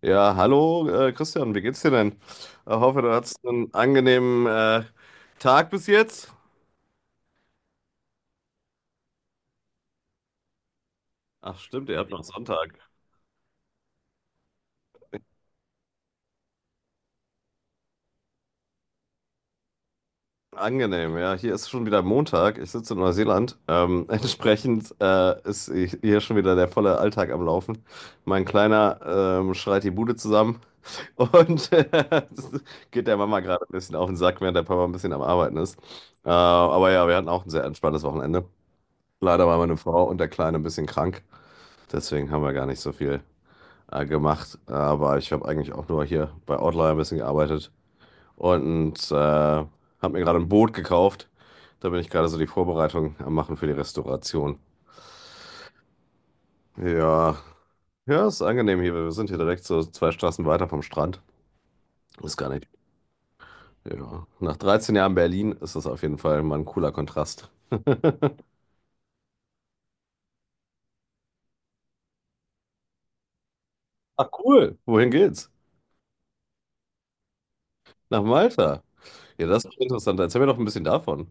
Ja, hallo Christian, wie geht's dir denn? Ich hoffe, du hattest einen angenehmen Tag bis jetzt. Ach stimmt, ihr habt noch Sonntag. Angenehm, ja. Hier ist schon wieder Montag. Ich sitze in Neuseeland. Entsprechend hier schon wieder der volle Alltag am Laufen. Mein Kleiner schreit die Bude zusammen und das geht der Mama gerade ein bisschen auf den Sack, während der Papa ein bisschen am Arbeiten ist. Aber ja, wir hatten auch ein sehr entspanntes Wochenende. Leider war meine Frau und der Kleine ein bisschen krank. Deswegen haben wir gar nicht so viel gemacht, aber ich habe eigentlich auch nur hier bei Outlier ein bisschen gearbeitet und habe mir gerade ein Boot gekauft. Da bin ich gerade so die Vorbereitung am Machen für die Restauration. Ja, ja, ist angenehm hier. Wir sind hier direkt so zwei Straßen weiter vom Strand. Ist gar nicht. Ja. Nach 13 Jahren Berlin ist das auf jeden Fall mal ein cooler Kontrast. Ach cool, wohin geht's? Nach Malta. Ja, das ist interessant. Erzähl mir doch ein bisschen davon.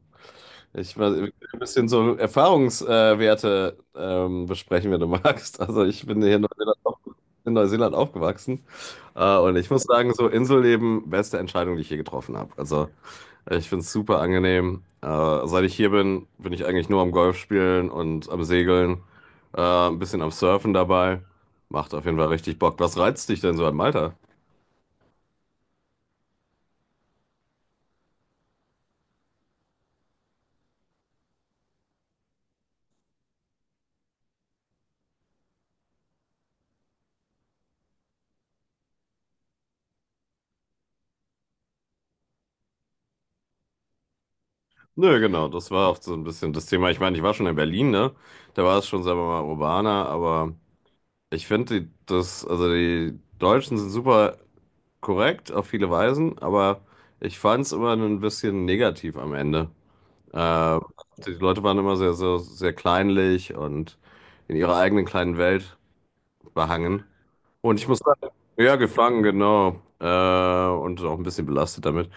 Ich weiß, wir können ein bisschen so Erfahrungswerte besprechen, wenn du magst. Also ich bin hier in Neuseeland, in Neuseeland aufgewachsen und ich muss sagen, so Inselleben, beste Entscheidung, die ich je getroffen habe. Also ich finde es super angenehm. Seit ich hier bin, bin ich eigentlich nur am Golf spielen und am Segeln, äh, ein bisschen am Surfen dabei. Macht auf jeden Fall richtig Bock. Was reizt dich denn so an Malta? Nö, genau, das war auch so ein bisschen das Thema. Ich meine, ich war schon in Berlin, ne? Da war es schon, sagen wir mal, urbaner, aber ich finde, die- also die Deutschen sind super korrekt auf viele Weisen, aber ich fand es immer ein bisschen negativ am Ende. Äh, die Leute waren immer sehr, sehr, sehr kleinlich und in ihrer eigenen kleinen Welt behangen. Und ich muss sagen, ja, gefangen, genau. Und auch ein bisschen belastet damit.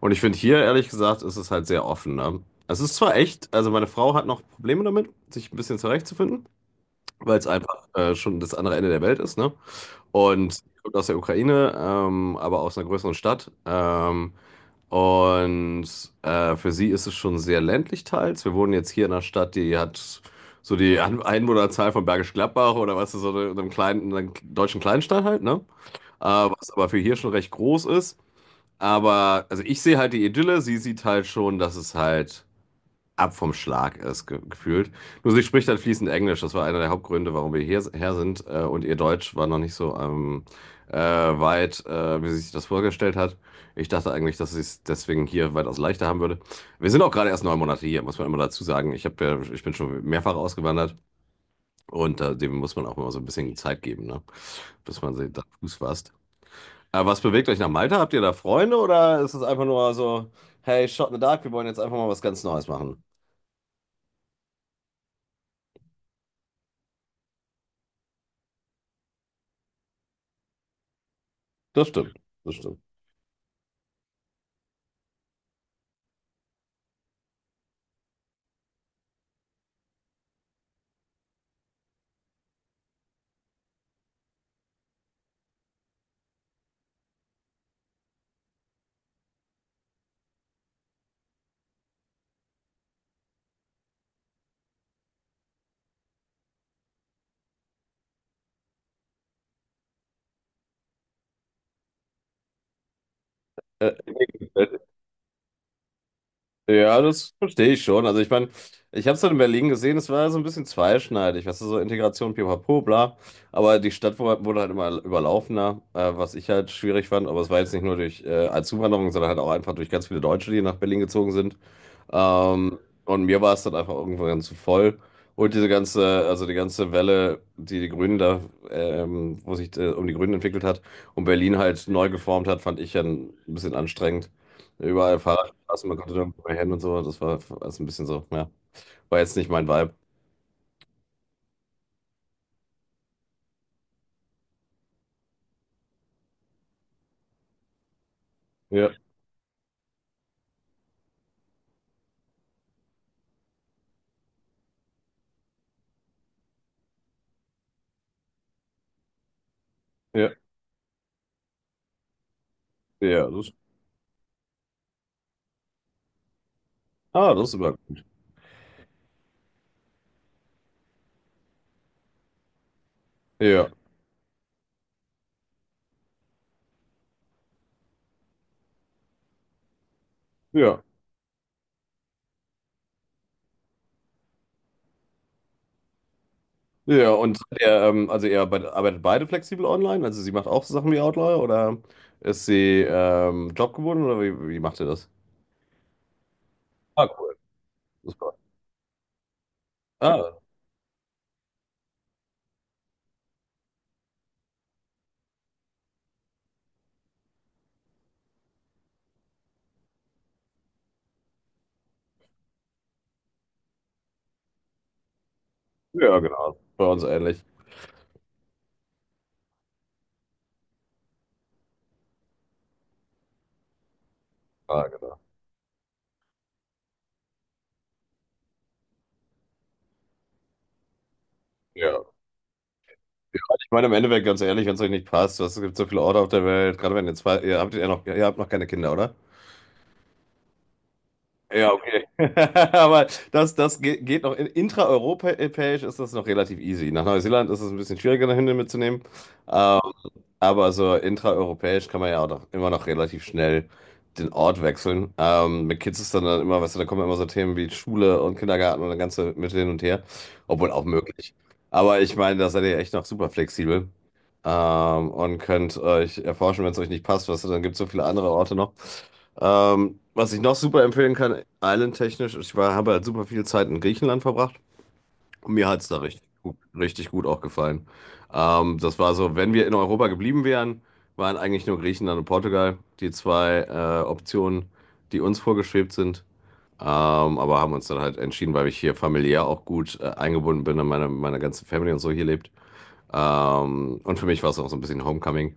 Und ich finde hier, ehrlich gesagt, ist es halt sehr offen. Ne? Es ist zwar echt, also meine Frau hat noch Probleme damit, sich ein bisschen zurechtzufinden, weil es einfach schon das andere Ende der Welt ist, ne? Und die kommt aus der Ukraine, aber aus einer größeren Stadt. Und für sie ist es schon sehr ländlich teils. Wir wohnen jetzt hier in einer Stadt, die hat so die Einwohnerzahl von Bergisch Gladbach oder was ist so in einem kleinen, einer deutschen Kleinstadt halt, ne? Was aber für hier schon recht groß ist. Aber also ich sehe halt die Idylle, sie sieht halt schon, dass es halt ab vom Schlag ist, ge gefühlt. Nur sie spricht halt fließend Englisch. Das war einer der Hauptgründe, warum wir hierher sind. Und ihr Deutsch war noch nicht so weit, wie sie sich das vorgestellt hat. Ich dachte eigentlich, dass sie es deswegen hier weitaus leichter haben würde. Wir sind auch gerade erst 9 Monate hier, muss man immer dazu sagen. Ich bin schon mehrfach ausgewandert. Und dem muss man auch immer so ein bisschen Zeit geben, ne? Bis man sie da Fuß fasst. Was bewegt euch nach Malta? Habt ihr da Freunde oder ist es einfach nur so, hey, shot in the dark, wir wollen jetzt einfach mal was ganz Neues machen? Das stimmt, das stimmt. Äh, ja, das verstehe ich schon. Also ich meine, ich habe es dann in Berlin gesehen, es war so ein bisschen zweischneidig, weißt du, so Integration, pipapo, bla. Aber die Stadt wurde halt immer überlaufener, was ich halt schwierig fand. Aber es war jetzt nicht nur durch als Zuwanderung, sondern halt auch einfach durch ganz viele Deutsche, die nach Berlin gezogen sind. Ähm, und mir war es dann einfach irgendwann zu voll. Und diese ganze, also die ganze Welle, die die Grünen da, wo sich um die Grünen entwickelt hat und Berlin halt neu geformt hat, fand ich ja ein bisschen anstrengend. Überall Fahrradstraßen, man konnte nirgendwo mehr hin und so. Das war alles ein bisschen so, ja. War jetzt nicht mein Vibe. Ja, ja, ja. Das, ah, das ist aber. Ja, ja, ja. Also ihr arbeitet beide flexibel online? Also sie macht auch so Sachen wie Outlier oder ist sie jobgebunden oder wie macht ihr das? Ah, cool. Super. Ah, ja, genau. Bei uns ähnlich. Ah, genau. Ja. Ja, ich meine, im Endeffekt, ganz ehrlich, wenn es euch nicht passt, was, es gibt so viele Orte auf der Welt, gerade wenn ihr zwei, ihr habt noch keine Kinder, oder? Ja, okay. Aber das geht noch. Intraeuropäisch ist das noch relativ easy. Nach Neuseeland ist es ein bisschen schwieriger, eine Hündin mitzunehmen. Ähm, aber so intraeuropäisch kann man ja auch immer noch relativ schnell den Ort wechseln. Mit Kids ist dann immer, weißt du, da kommen immer so Themen wie Schule und Kindergarten und das ganze mit hin und her. Obwohl auch möglich. Aber ich meine, da seid ihr echt noch super flexibel. Und könnt euch erforschen, wenn es euch nicht passt, was, dann gibt es so viele andere Orte noch. Was ich noch super empfehlen kann, islandtechnisch, habe halt super viel Zeit in Griechenland verbracht und mir hat es da richtig gut auch gefallen. Das war so, wenn wir in Europa geblieben wären, waren eigentlich nur Griechenland und Portugal die zwei Optionen, die uns vorgeschwebt sind. Aber haben uns dann halt entschieden, weil ich hier familiär auch gut eingebunden bin und meine ganze Family und so hier lebt. Und für mich war es auch so ein bisschen Homecoming.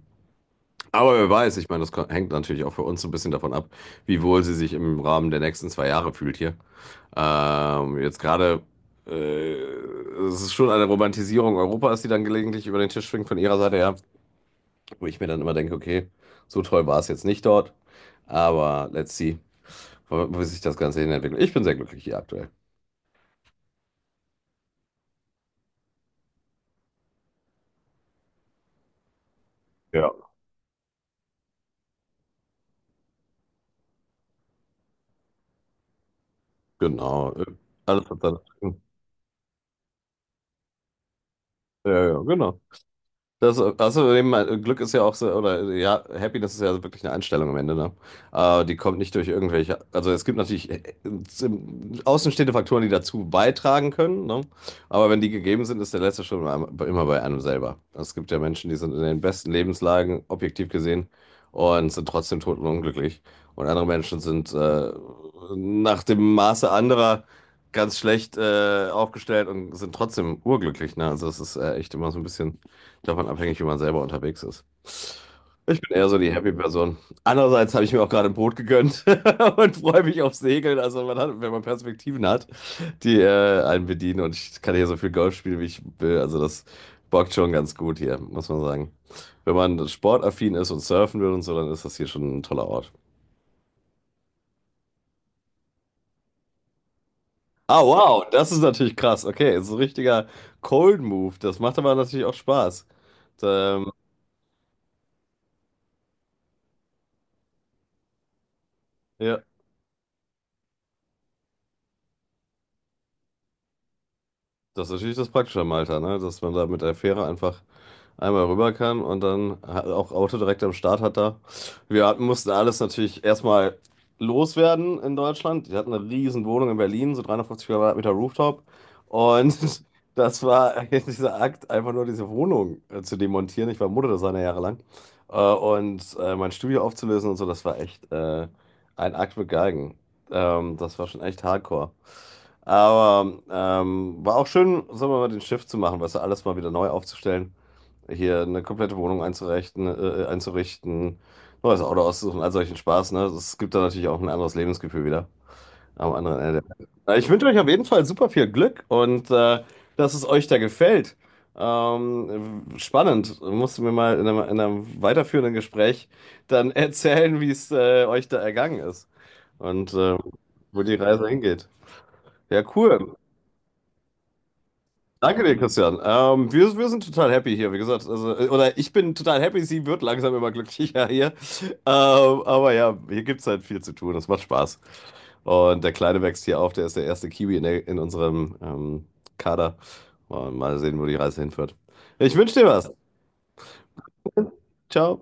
Aber wer weiß, ich meine, das hängt natürlich auch für uns so ein bisschen davon ab, wie wohl sie sich im Rahmen der nächsten 2 Jahre fühlt hier. Jetzt gerade, äh, es ist schon eine Romantisierung Europas, die dann gelegentlich über den Tisch schwingt von ihrer Seite her, wo ich mir dann immer denke, okay, so toll war es jetzt nicht dort, aber let's see, wo sich das Ganze hin entwickelt. Ich bin sehr glücklich hier aktuell. Ja. Genau. Alles hat seine. Ja, ja, genau. Das, also eben, Glück ist ja auch so, oder ja, Happiness ist ja wirklich eine Einstellung am Ende, ne? Die kommt nicht durch irgendwelche, also es gibt natürlich außenstehende Faktoren, die dazu beitragen können, ne? Aber wenn die gegeben sind, ist der letzte Schritt immer immer bei einem selber. Also, es gibt ja Menschen, die sind in den besten Lebenslagen, objektiv gesehen, und sind trotzdem totenunglücklich. Und andere Menschen sind nach dem Maße anderer ganz schlecht aufgestellt und sind trotzdem urglücklich, ne? Also es ist echt immer so ein bisschen davon abhängig, wie man selber unterwegs ist. Ich bin eher so die Happy-Person. Andererseits habe ich mir auch gerade ein Boot gegönnt und freue mich auf Segeln. Also man hat, wenn man Perspektiven hat, die einen bedienen. Und ich kann hier so viel Golf spielen, wie ich will. Also das bockt schon ganz gut hier, muss man sagen. Wenn man sportaffin ist und surfen will und so, dann ist das hier schon ein toller Ort. Ah, wow, das ist natürlich krass. Okay, so ein richtiger Cold Move. Das macht aber natürlich auch Spaß. Ähm, ja. Das ist natürlich das Praktische am Alter, ne? Dass man da mit der Fähre einfach einmal rüber kann und dann auch Auto direkt am Start hat da. Wir hatten, mussten alles natürlich erstmal loswerden in Deutschland. Die hatten eine riesen Wohnung in Berlin, so 350 Quadratmeter Rooftop. Und das war dieser Akt, einfach nur diese Wohnung zu demontieren. Ich war Modedesigner jahrelang. Mein Studio aufzulösen und so, das war echt ein Akt mit Geigen. Das war schon echt hardcore. Aber war auch schön, sagen wir mal, den Shift zu machen, weißt du, alles mal wieder neu aufzustellen, hier eine komplette Wohnung einzurichten, neues Auto auszusuchen, all solchen Spaß, ne? Das gibt da natürlich auch ein anderes Lebensgefühl wieder am anderen Ende. Ich wünsche euch auf jeden Fall super viel Glück und dass es euch da gefällt. Spannend. Musst du mir mal in einem weiterführenden Gespräch dann erzählen, wie es euch da ergangen ist und wo die Reise hingeht. Ja, cool. Danke dir, Christian. Wir sind total happy hier, wie gesagt. Also, oder ich bin total happy, sie wird langsam immer glücklicher hier. Aber ja, hier gibt es halt viel zu tun. Das macht Spaß. Und der Kleine wächst hier auf, der ist der erste Kiwi in unserem Kader. Und mal sehen, wo die Reise hinführt. Ich wünsche dir was. Ciao.